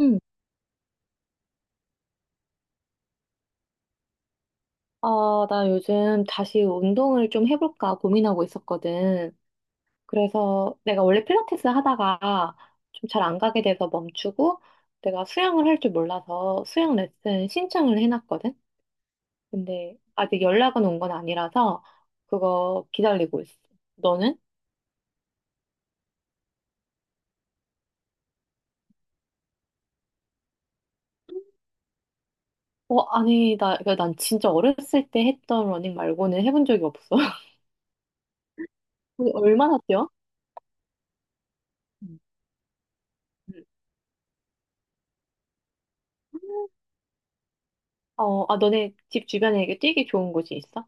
응. 아, 나 요즘 다시 운동을 좀 해볼까 고민하고 있었거든. 그래서 내가 원래 필라테스 하다가 좀 잘 안 가게 돼서 멈추고 내가 수영을 할 줄 몰라서 수영 레슨 신청을 해놨거든. 근데 아직 연락은 온 건 아니라서 그거 기다리고 있어. 너는? 어, 아니, 나, 그러니까 난 진짜 어렸을 때 했던 러닝 말고는 해본 적이 없어. 그거 얼마나 뛰어? 응. 응. 어, 아, 너네 집 주변에 이게 뛰기 좋은 곳이 있어?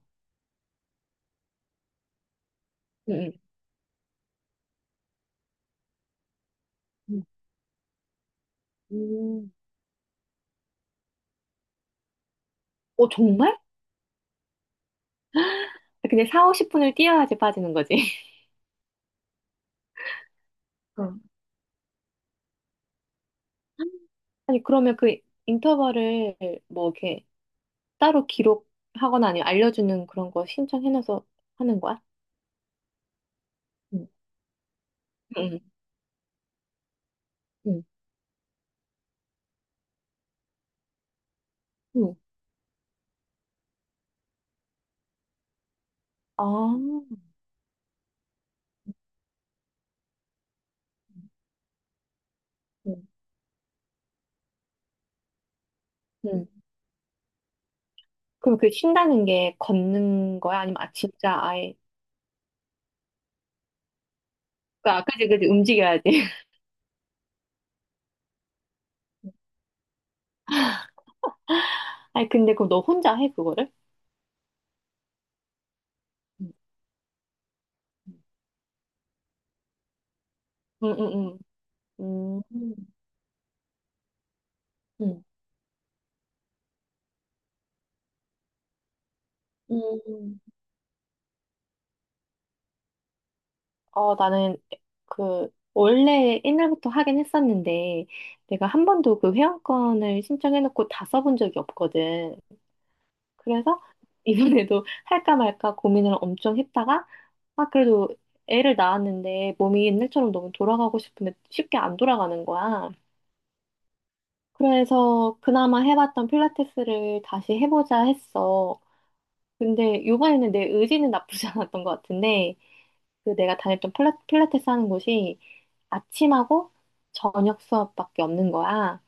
응, 응. 음. 어, 정말? 근데 4, 50분을 뛰어야지 빠지는 거지. 어. 아니, 그러면 그 인터벌을 뭐 이렇게 따로 기록하거나 아니면 알려주는 그런 거 신청해놔서 하는 거야? 응. 응, 응, 응. 아, 응. 응. 그럼 그 쉰다는 게 걷는 거야? 아니면 아, 진짜 아예. 그러니까 아, 그지, 그지, 움직여야지. 아니, 근데 그럼 너 혼자 해, 그거를? 응. 응, 응, 응. 응 응. 응. 음. 어, 나는 그, 원래 옛날부터 하긴 했었는데, 내가 한 번도 그 회원권을 신청해놓고 다 써본 적이 없거든. 그래서 이번에도 할까 말까 고민을 엄청 했다가, 아, 그래도 애를 낳았는데 몸이 옛날처럼 너무 돌아가고 싶은데 쉽게 안 돌아가는 거야. 그래서 그나마 해봤던 필라테스를 다시 해보자 했어. 근데 이번에는 내 의지는 나쁘지 않았던 것 같은데, 그 내가 다녔던 필라테스 하는 곳이 아침하고 저녁 수업밖에 없는 거야.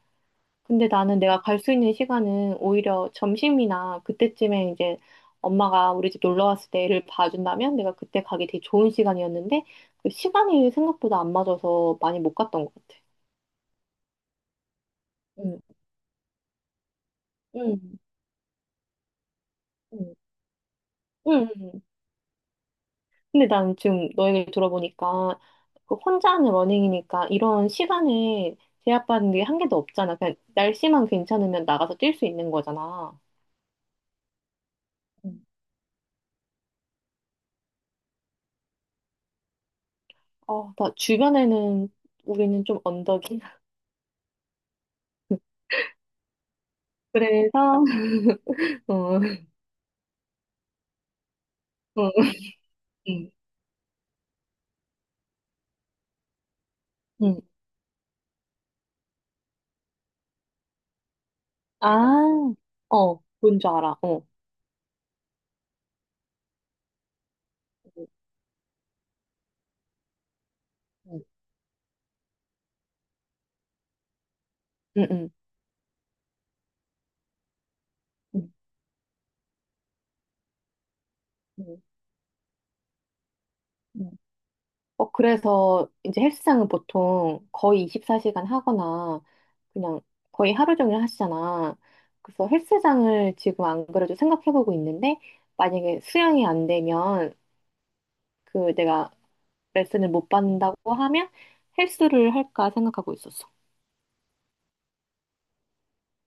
근데 나는 내가 갈 수 있는 시간은 오히려 점심이나 그때쯤에 이제 엄마가 우리 집 놀러 왔을 때 애를 봐준다면 내가 그때 가기 되게 좋은 시간이었는데 그 시간이 생각보다 안 맞아서 많이 못 갔던 것 같아. 응, 응, 응, 응. 응. 근데 난 지금 너 얘기 들어보니까 그 혼자 하는 러닝이니까 이런 시간에 제약받는 게 한 개도 없잖아. 그냥 날씨만 괜찮으면 나가서 뛸 수 있는 거잖아. 어, 나 주변에는 우리는 좀 언덕이. 그래서, 어, 어, 응, 응. 아, 어, 뭔지 알아. 어, 어, 어, 응, 응, 응, 응. 응. 어, 그래서 이제 헬스장은 보통 거의 24시간 하거나 그냥 거의 하루 종일 하시잖아. 그래서 헬스장을 지금 안 그래도 생각해보고 있는데 만약에 수영이 안 되면 그 내가 레슨을 못 받는다고 하면 헬스를 할까 생각하고 있었어.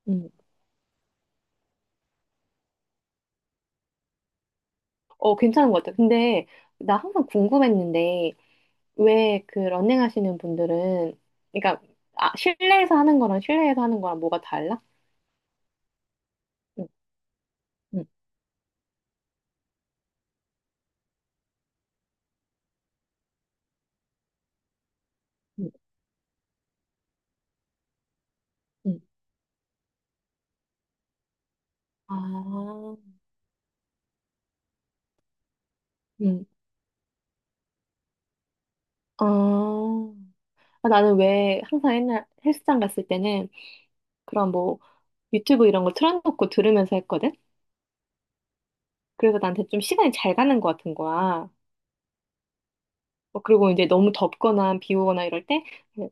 응. 어, 괜찮은 것 같아요. 근데 나 항상 궁금했는데 왜 그 러닝 하시는 분들은 그러니까 아, 실내에서 하는 거랑 실내에서 하는 거랑 뭐가 달라? 응, 응, 응, 응, 아, 응, 아, 아, 나는 왜 항상 옛날 헬스장 갔을 때는 그런 뭐 유튜브 이런 거 틀어놓고 들으면서 했거든? 그래서 나한테 좀 시간이 잘 가는 것 같은 거야. 어, 그리고 이제 너무 덥거나 비 오거나 이럴 때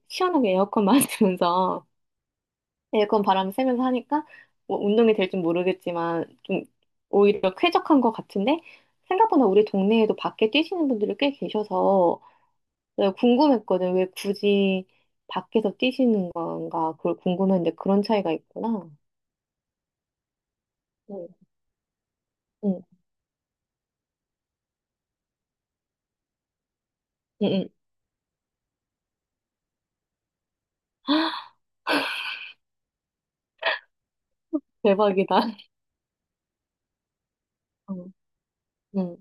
시원하게 에어컨 맞으면서 에그컨 바람 쐬면서 하니까 뭐 운동이 될지 모르겠지만 좀 오히려 쾌적한 것 같은데 생각보다 우리 동네에도 밖에 뛰시는 분들이 꽤 계셔서 내가 궁금했거든. 왜 굳이 밖에서 뛰시는 건가 그걸 궁금했는데 그런 차이가 있구나. 응, 응, 응, 응. 대박이다. 응, 응.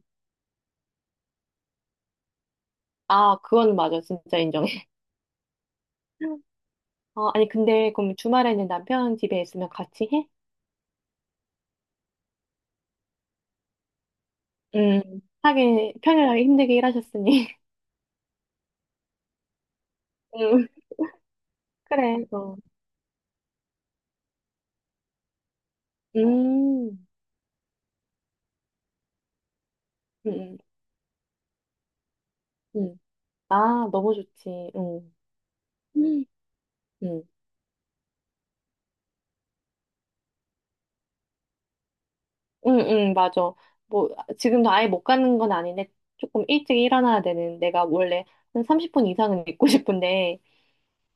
아, 그건 맞아. 진짜 인정해. 어, 아니 근데 그럼 주말에는 남편 집에 있으면 같이 해? 응. 하긴 평일날 힘들게 일하셨으니. 응, 그래. 어. 음, 음, 음. 음. 아, 너무 좋지. 응, 응, 응, 응, 맞아. 뭐, 아, 지금도 아예 못 가는 건 아닌데, 조금 일찍 일어나야 되는, 내가 원래 한 30분 이상은 있고 싶은데,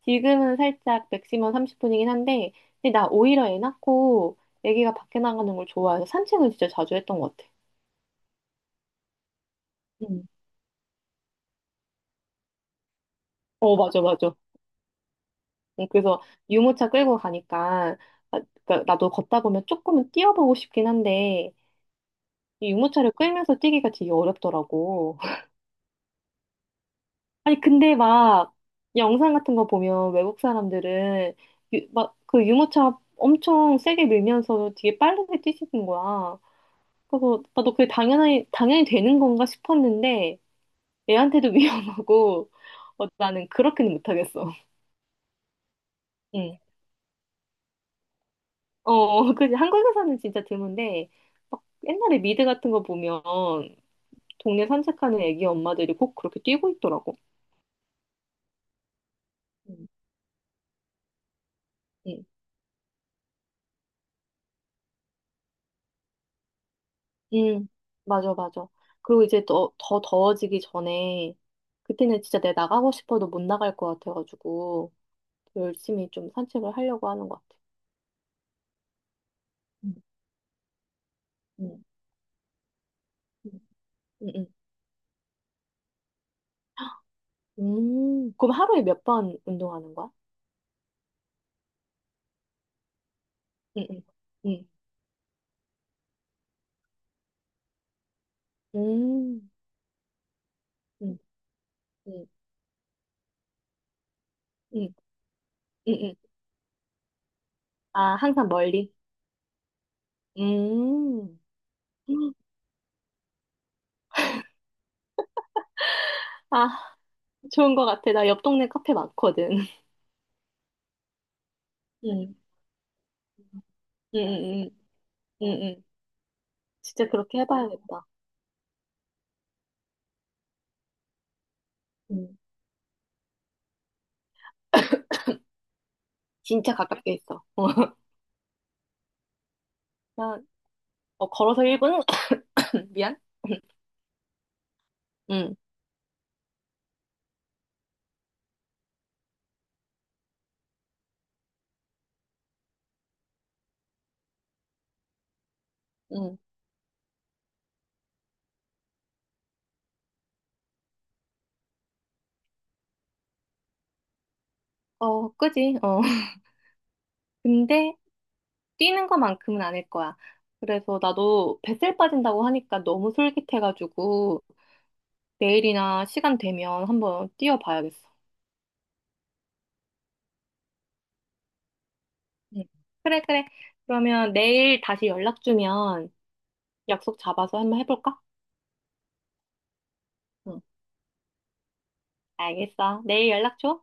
지금은 살짝 맥시멈 30분이긴 한데, 근데 나 오히려 애 낳고, 애기가 밖에 나가는 걸 좋아해서 산책을 진짜 자주 했던 것 같아. 응. 어, 맞아, 맞아. 응, 그래서 유모차 끌고 가니까, 아, 그러니까 나도 걷다 보면 조금은 뛰어보고 싶긴 한데, 이 유모차를 끌면서 뛰기가 되게 어렵더라고. 아니, 근데 막 영상 같은 거 보면 외국 사람들은 막 그 유모차 엄청 세게 밀면서 되게 빠르게 뛰시는 거야. 그래서 아, 너 그게 당연히, 당연히 되는 건가 싶었는데 애한테도 위험하고 어, 나는 그렇게는 못하겠어. 응. 어, 그 한국에서는 진짜 드문데 막 옛날에 미드 같은 거 보면 동네 산책하는 애기 엄마들이 꼭 그렇게 뛰고 있더라고. 응. 응. 음, 맞아, 맞아. 그리고 이제 더 더워지기 전에, 그때는 진짜 내가 나가고 싶어도 못 나갈 것 같아가지고, 열심히 좀 산책을 하려고 하는 것 같아. 음, 음, 음. 응, 응. 그럼 하루에 몇 번 운동하는 거야? 응, 응, 응. 음, 응, 응, 응, 응, 응. 아, 항상 멀리? 음. 아, 좋은 것 같아. 나 옆 동네 카페 많거든. 응, 응, 응, 응, 응. 응. 진짜 그렇게 해봐야겠다. 진짜 가깝게 있어. 어, 나, 어, 걸어서 1분? 미안. 응, 응. 어, 그지? 어. 근데 뛰는 것만큼은 아닐 거야. 그래서 나도 뱃살 빠진다고 하니까 너무 솔깃해가지고 내일이나 시간 되면 한번 뛰어봐야겠어. 응. 그래, 그래. 그러면 내일 다시 연락 주면 약속 잡아서 한번 해볼까? 응. 알겠어. 내일 연락 줘.